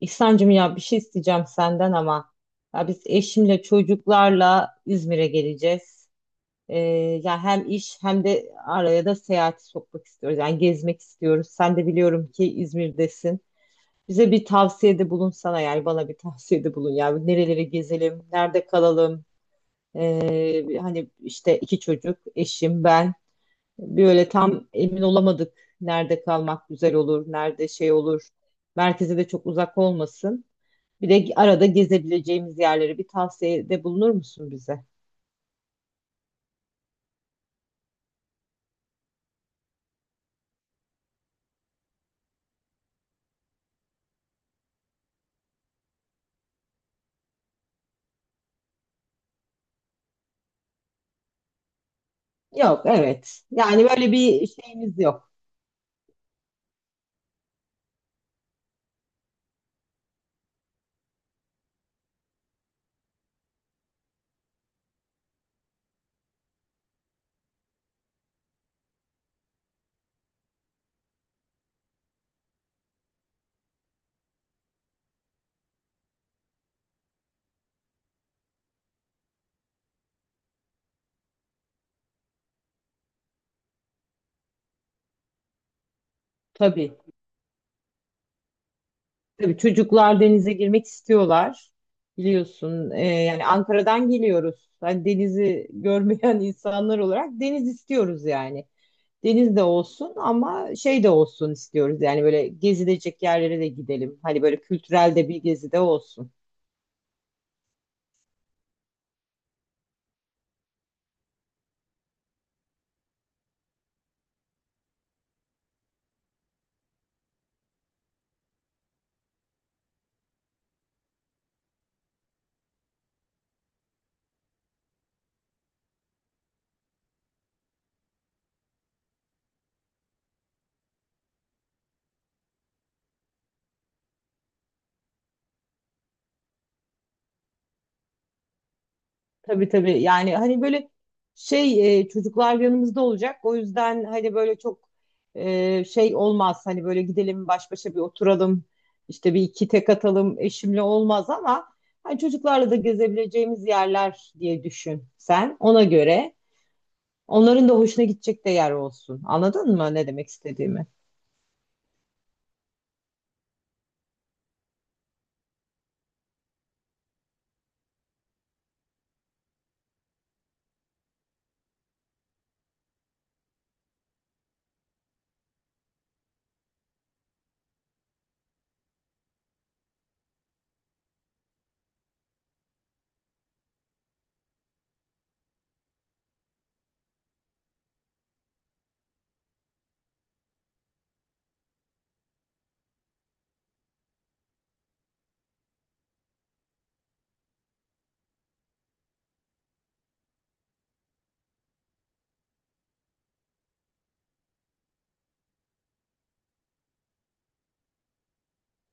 İhsan'cığım ya bir şey isteyeceğim senden ama ya biz eşimle çocuklarla İzmir'e geleceğiz. Ee, ya hem iş hem de araya da seyahati sokmak istiyoruz. Yani gezmek istiyoruz. Sen de biliyorum ki İzmir'desin. Bize bir tavsiyede bulunsana yani bana bir tavsiyede bulun. Yani nerelere gezelim, nerede kalalım. Hani işte iki çocuk, eşim, ben. Böyle tam emin olamadık. Nerede kalmak güzel olur, nerede şey olur. Merkeze de çok uzak olmasın. Bir de arada gezebileceğimiz yerleri bir tavsiyede bulunur musun bize? Yok, evet. Yani böyle bir şeyimiz yok. Tabii. Tabii çocuklar denize girmek istiyorlar. Biliyorsun, yani Ankara'dan geliyoruz. Hani denizi görmeyen insanlar olarak deniz istiyoruz yani. Deniz de olsun ama şey de olsun istiyoruz. Yani böyle gezilecek yerlere de gidelim. Hani böyle kültürel de bir gezi de olsun. Tabii tabii. Yani hani böyle şey çocuklar yanımızda olacak. O yüzden hani böyle çok şey olmaz. Hani böyle gidelim baş başa bir oturalım. İşte bir iki tek atalım eşimle olmaz ama hani çocuklarla da gezebileceğimiz yerler diye düşün sen. Ona göre onların da hoşuna gidecek de yer olsun. Anladın mı ne demek istediğimi?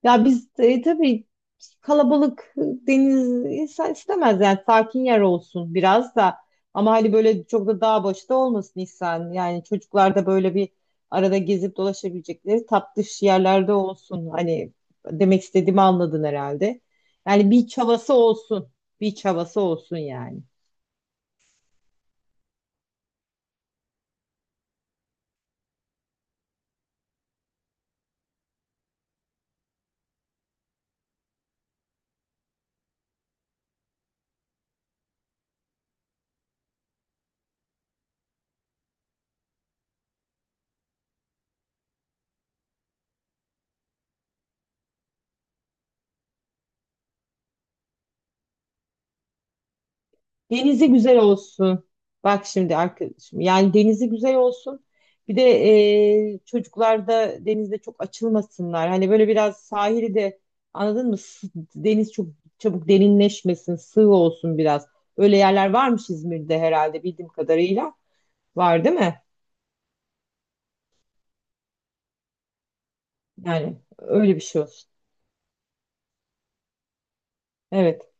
Ya biz tabii kalabalık deniz insan istemez yani sakin yer olsun biraz da ama hani böyle çok da dağ başta olmasın insan yani çocuklar da böyle bir arada gezip dolaşabilecekleri tatlış yerlerde olsun hani demek istediğimi anladın herhalde yani beach havası olsun beach havası olsun yani. Denizi güzel olsun. Bak şimdi arkadaşım. Yani denizi güzel olsun. Bir de çocuklar da denizde çok açılmasınlar. Hani böyle biraz sahili de anladın mı? Deniz çok çabuk derinleşmesin, sığ olsun biraz. Öyle yerler varmış İzmir'de herhalde bildiğim kadarıyla. Var değil mi? Yani öyle bir şey olsun. Evet.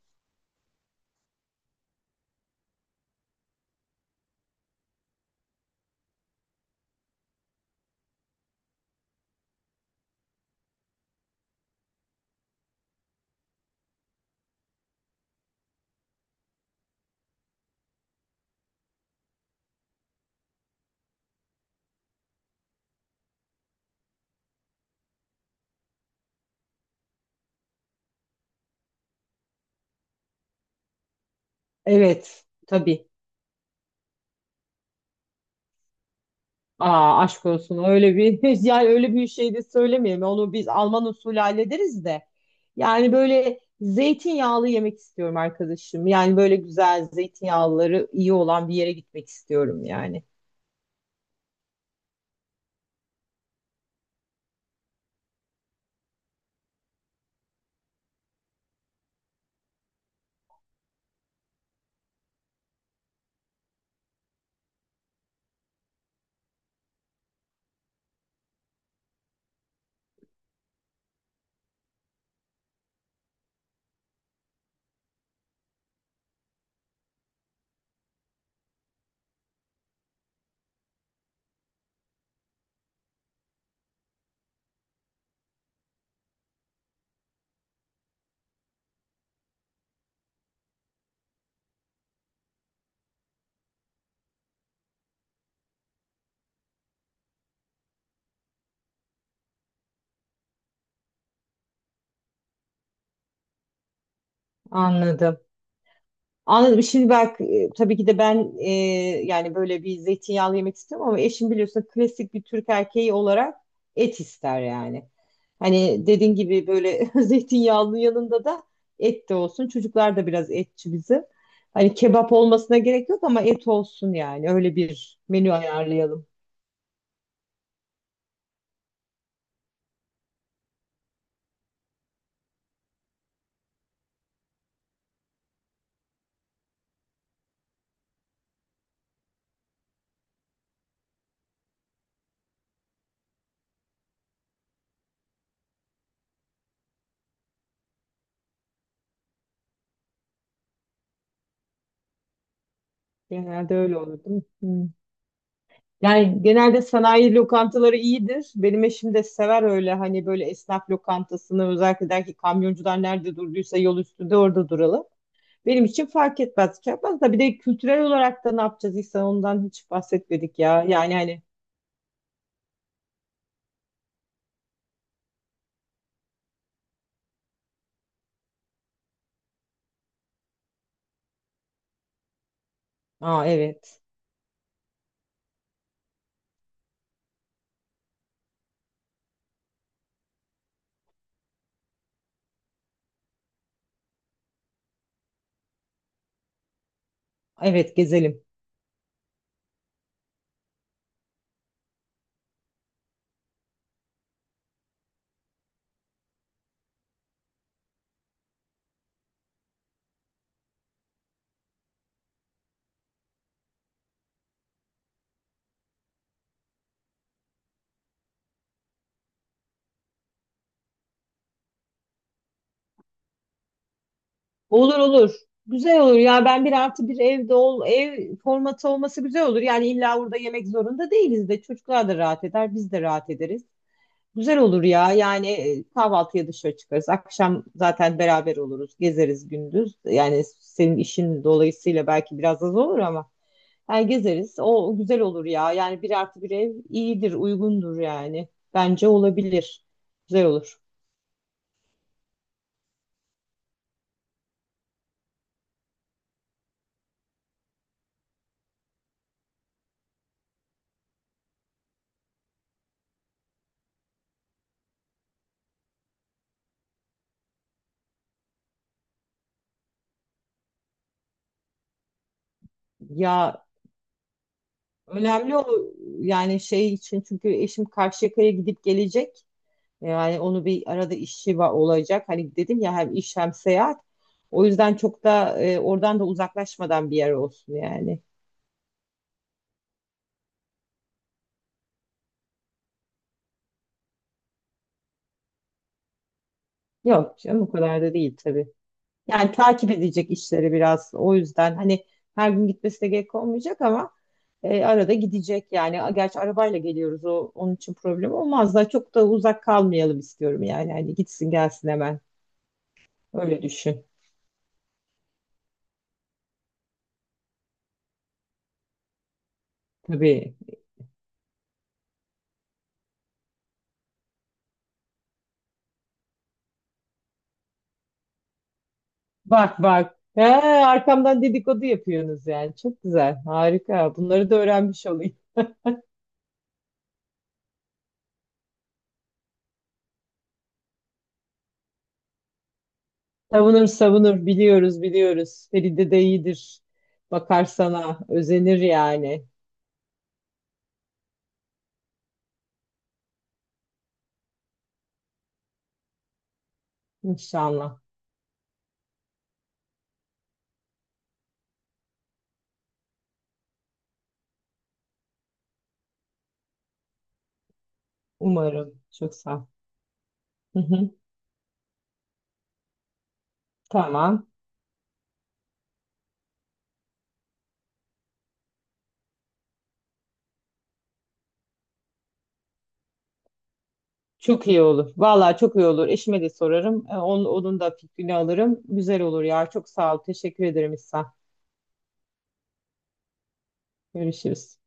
Evet. Tabii. Aa aşk olsun öyle bir yani öyle bir şey de söylemeyelim. Onu biz Alman usulü hallederiz de. Yani böyle zeytinyağlı yemek istiyorum arkadaşım. Yani böyle güzel zeytinyağlıları iyi olan bir yere gitmek istiyorum yani. Anladım. Anladım. Şimdi bak tabii ki de ben yani böyle bir zeytinyağlı yemek istiyorum ama eşim biliyorsun klasik bir Türk erkeği olarak et ister yani. Hani dediğin gibi böyle zeytinyağlı yanında da et de olsun. Çocuklar da biraz etçi bizim. Hani kebap olmasına gerek yok ama et olsun yani. Öyle bir menü ayarlayalım. Genelde öyle olur değil mi? Yani genelde sanayi lokantaları iyidir. Benim eşim de sever öyle hani böyle esnaf lokantasını özellikle der ki kamyoncular nerede durduysa yol üstünde orada duralım. Benim için fark etmez, şey yapmaz da bir de kültürel olarak da ne yapacağız İhsan ondan hiç bahsetmedik ya. Yani hani aa evet. Evet gezelim. Olur olur. Güzel olur ya ben bir artı bir evde ol ev formatı olması güzel olur. Yani illa orada yemek zorunda değiliz de çocuklar da rahat eder biz de rahat ederiz. Güzel olur ya. Yani kahvaltıya dışarı çıkarız. Akşam zaten beraber oluruz. Gezeriz gündüz. Yani senin işin dolayısıyla belki biraz az olur ama yani gezeriz. O güzel olur ya. Yani bir artı bir ev iyidir, uygundur yani. Bence olabilir. Güzel olur. Ya önemli o yani şey için çünkü eşim Karşıyaka'ya gidip gelecek. Yani onu bir arada işi olacak. Hani dedim ya hem iş hem seyahat. O yüzden çok da oradan da uzaklaşmadan bir yer olsun yani. Yok canım o kadar da değil tabii. Yani takip edecek işleri biraz. O yüzden hani her gün gitmesi de gerek olmayacak ama arada gidecek yani. Gerçi arabayla geliyoruz o onun için problem olmaz da çok da uzak kalmayalım istiyorum yani. Hani gitsin gelsin hemen. Öyle düşün. Tabii. Bak bak. He, arkamdan dedikodu yapıyorsunuz yani. Çok güzel. Harika. Bunları da öğrenmiş olayım. Savunur savunur. Biliyoruz biliyoruz. Feride de iyidir. Bakar sana. Özenir yani. İnşallah. Umarım. Çok sağ ol. Hı hı. Tamam. Çok iyi olur. Vallahi çok iyi olur. Eşime de sorarım. Onun, onun da fikrini alırım. Güzel olur ya. Çok sağ ol. Teşekkür ederim İhsan. Görüşürüz.